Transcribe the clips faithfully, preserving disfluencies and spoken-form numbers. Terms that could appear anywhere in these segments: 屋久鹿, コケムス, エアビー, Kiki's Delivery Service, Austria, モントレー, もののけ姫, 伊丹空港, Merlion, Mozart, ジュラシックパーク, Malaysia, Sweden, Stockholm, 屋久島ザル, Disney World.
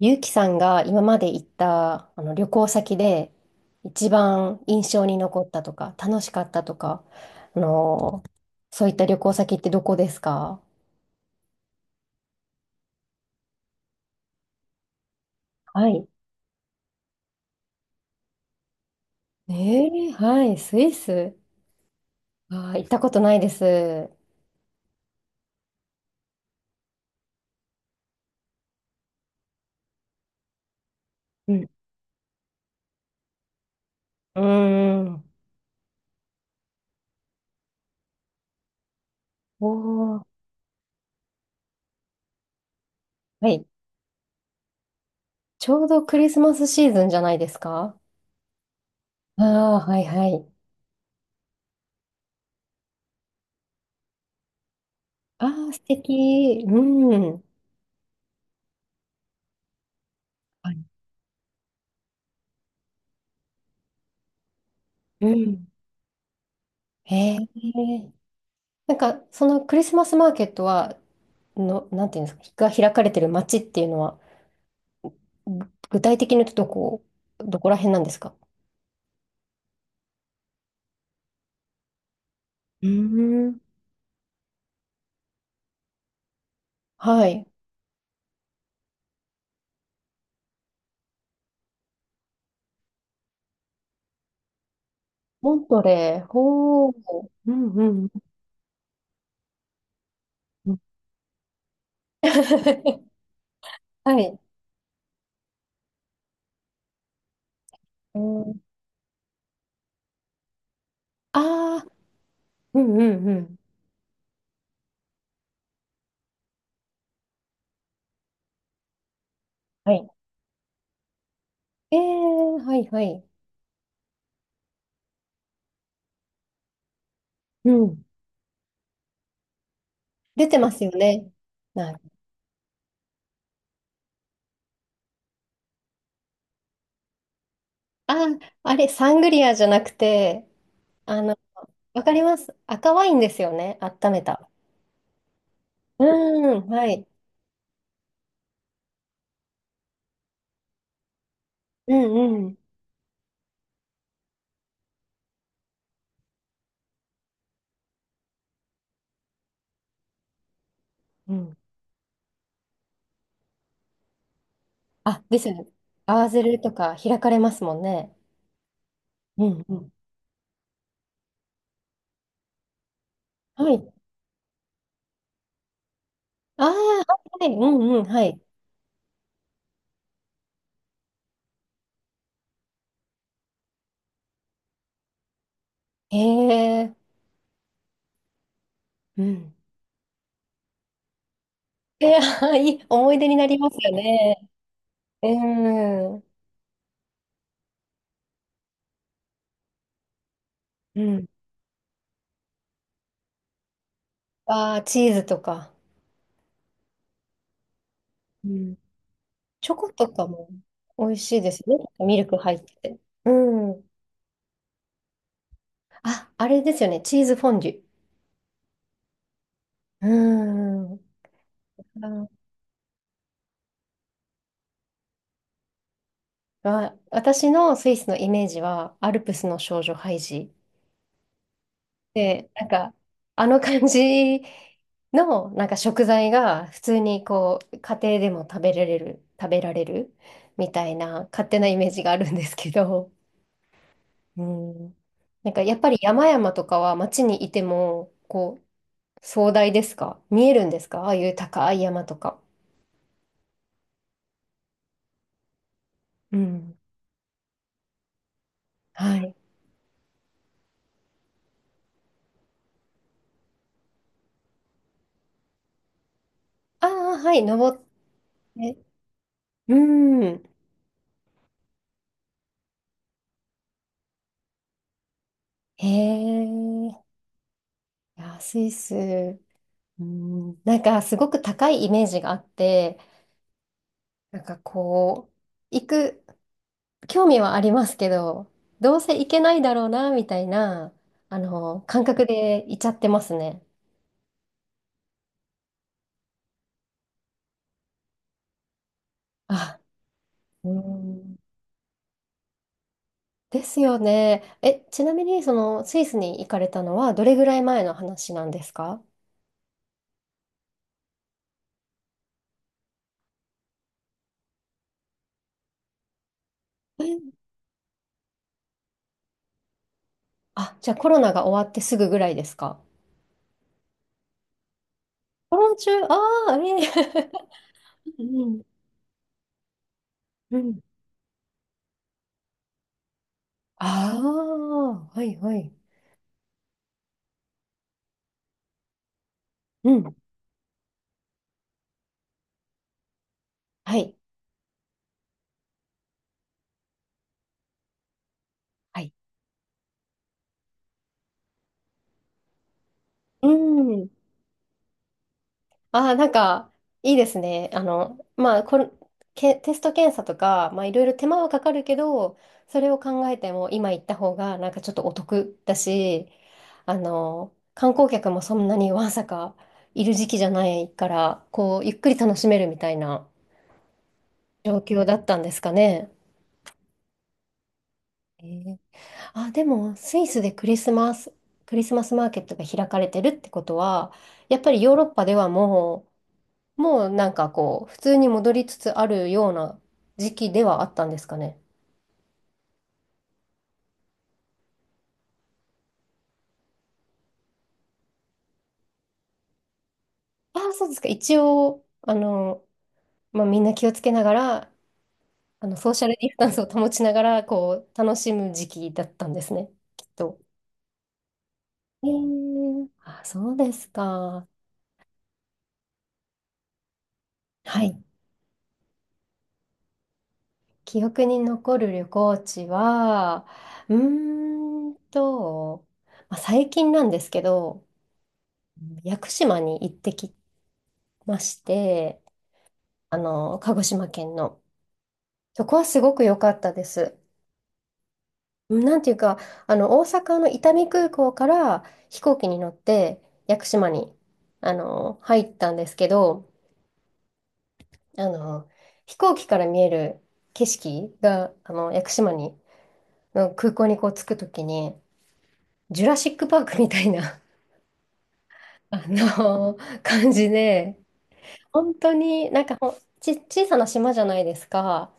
ゆうきさんが今まで行ったあの旅行先で一番印象に残ったとか楽しかったとか、あのーそういった旅行先ってどこですか？はい。えー、はい、スイス。あー、行ったことないです。うん。うーん。おー、はい。ちょうどクリスマスシーズンじゃないですか？ああー、はいはい。ああ、素敵。うん。はい。うん。へえ。なんか、そのクリスマスマーケットは、の、なんていうんですか、が開かれてる街っていうのは、ぐ具体的に言うとどこ、どこら辺なんですか？うーん。はい。モントレー、ほー。うんうんうん。はい。うん。ああー。うんうんうん。はい。えー、はいはい。うん。出てますよね。なんか、あー、あれ、サングリアじゃなくて、あの、わかります。赤ワインですよね。温めた。うーん、はい。うんうん。うん。あ、ですよね。合わせるとか開かれますもんね。うんうん。はい。ああ、はいはい。うんうん。はい。へえ。うん。えー、いい思い出になりますよね。うん。うん。ああ、チーズとか。うん。チョコとかも美味しいですね。ミルク入ってて。うん。あ、あれですよね。チーズフォンデュ。うん。あ、わ私のスイスのイメージは、アルプスの少女ハイジ。で、なんか、あの感じの、なんか食材が普通にこう、家庭でも食べられる、食べられるみたいな勝手なイメージがあるんですけど、うん。なんかやっぱり山々とかは街にいても、こう、壮大ですか、見えるんですか、ああいう高い山とか。うん。はい。ああ、はい、登って。うん。へえ。いや、スイス。うん、なんかすごく高いイメージがあって、なんかこう、行く、興味はありますけど、どうせ行けないだろうな、みたいな、あの、感覚で行っちゃってますね。あ、うん。ですよね。え、ちなみに、その、スイスに行かれたのは、どれぐらい前の話なんですか？え、あ、じゃあコロナが終わってすぐぐらいですか？コロナ中、ああ、ええ。 うんうん。ああ、はいはい。うん。はい。はい。うん。ああ、なんか、いいですね。あの、まあ、これ、け、テスト検査とか、まあ、いろいろ手間はかかるけど、それを考えても、今行った方が、なんかちょっとお得だし、あの、観光客もそんなにわんさかいる時期じゃないから、こう、ゆっくり楽しめるみたいな状況だったんですかね。えー、あ、でも、スイスでクリスマス、クリスマスマーケットが開かれてるってことは、やっぱりヨーロッパではもう、もうなんかこう、普通に戻りつつあるような時期ではあったんですかね。ああ、そうですか。一応、あの、まあ、みんな気をつけながら、あの、ソーシャルディスタンスを保ちながら、こう、楽しむ時期だったんですね、きっと。えー、あ、そうですか。はい。記憶に残る旅行地は、うーんと、まあ、最近なんですけど、屋久島に行ってきまして、あの、鹿児島県の。そこはすごく良かったです。うん、なんていうか、あの、大阪の伊丹空港から飛行機に乗って屋久島に、あの、入ったんですけど、あの、飛行機から見える景色が、あの、屋久島に、の空港にこう着くときに、ジュラシックパークみたいな、あの、感じで、本当になんか、ほんち、小さな島じゃないですか。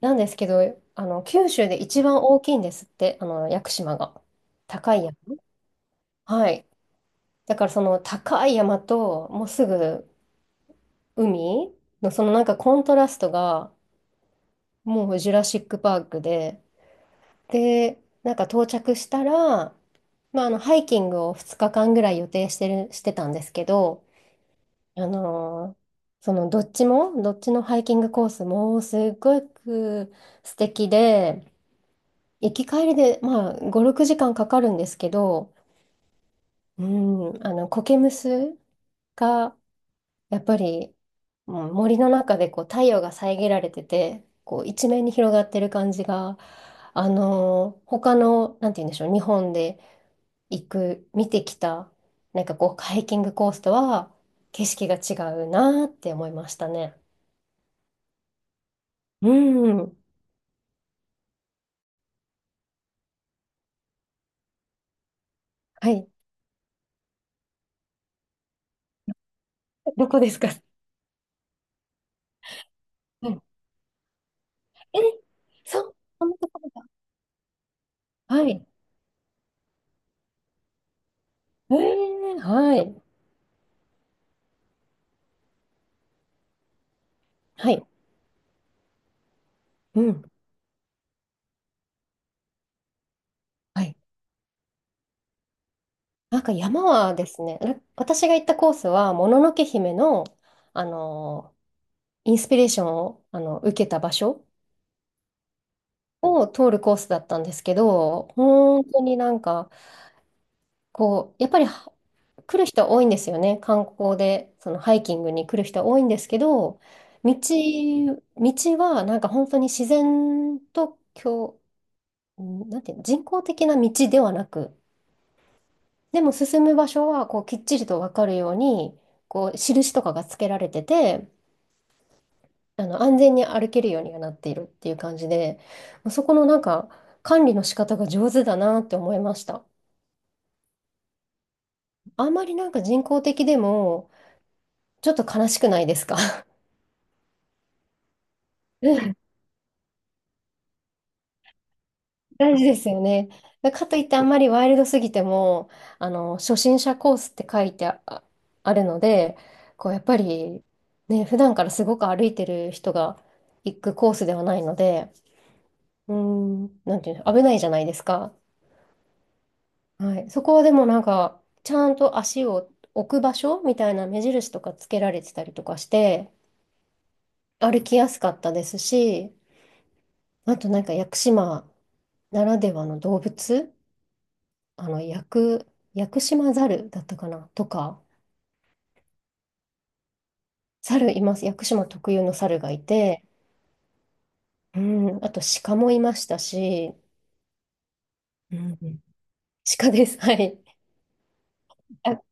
なんですけど、あの、九州で一番大きいんですって、あの、屋久島が。高い山。はい。だからその高い山と、もうすぐ海のそのなんかコントラストが、もうジュラシックパークで、で、なんか到着したら、まあ、あの、ハイキングをふつかかんぐらい予定してる、してたんですけど、あのーそのどっちも、どっちのハイキングコースもすっごく素敵で、行き帰りで、まあ、ご、ろくじかんかんかかるんですけど、うん、あの、コケムスがやっぱり、うん、森の中でこう太陽が遮られてて、こう一面に広がってる感じが、あのー他の、なんて言うんでしょう、日本で行く、見てきた、なんかこう、ハイキングコースとは景色が違うなーって思いましたね。うん。はい。どこですか？はい。え、そう、こんなところだ。はい。えー、はい。はい。うん。はい。なんか山はですね、な私が行ったコースは、もののけ姫の、あの、インスピレーションを、あの、受けた場所を通るコースだったんですけど、本当になんか、こう、やっぱりは来る人多いんですよね。観光で、そのハイキングに来る人多いんですけど、道、道はなんか本当に自然と、今日、ん、なんていうの、人工的な道ではなく、でも進む場所はこうきっちりと分かるようにこう印とかがつけられてて、あの、安全に歩けるようにはなっているっていう感じで、そこのなんか管理の仕方が上手だなって思いました。あんまりなんか人工的でもちょっと悲しくないですか？ うん、大事ですよね。かといってあんまりワイルドすぎても、あの、初心者コースって書いてあ、ああるので、こうやっぱりね、普段からすごく歩いてる人が行くコースではないので。うーん、なんていうの、危ないじゃないですか。はい。そこはでもなんか、ちゃんと足を置く場所みたいな目印とかつけられてたりとかして、歩きやすかったですし、あとなんか屋久島ならではの動物、あの、屋久、屋久島ザルだったかなとか、猿ルいます。屋久島特有の猿ルがいて、うん、あと鹿もいましたし、うん、鹿です。はい。あ、あ、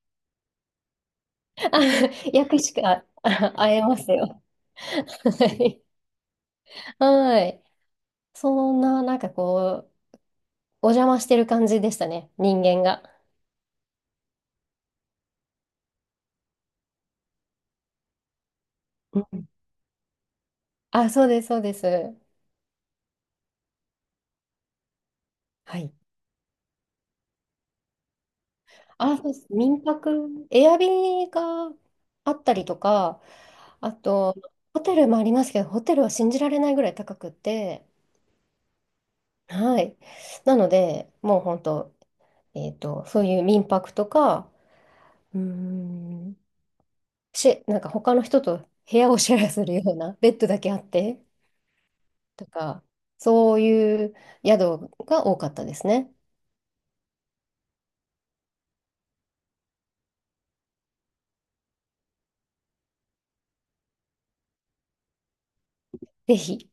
屋久鹿、あ会えますよ。はい。はい。そんな、なんかこう、お邪魔してる感じでしたね、人間が。うん、あ、そうです、そうです。はい。あ、そうです。民泊、エアビーがあったりとか、あと、ホテルもありますけど、ホテルは信じられないぐらい高くて、はい。なので、もう本当、えっと、そういう民泊とか、うーん、し、なんか他の人と部屋をシェアするようなベッドだけあって、とか、そういう宿が多かったですね。ぜひ。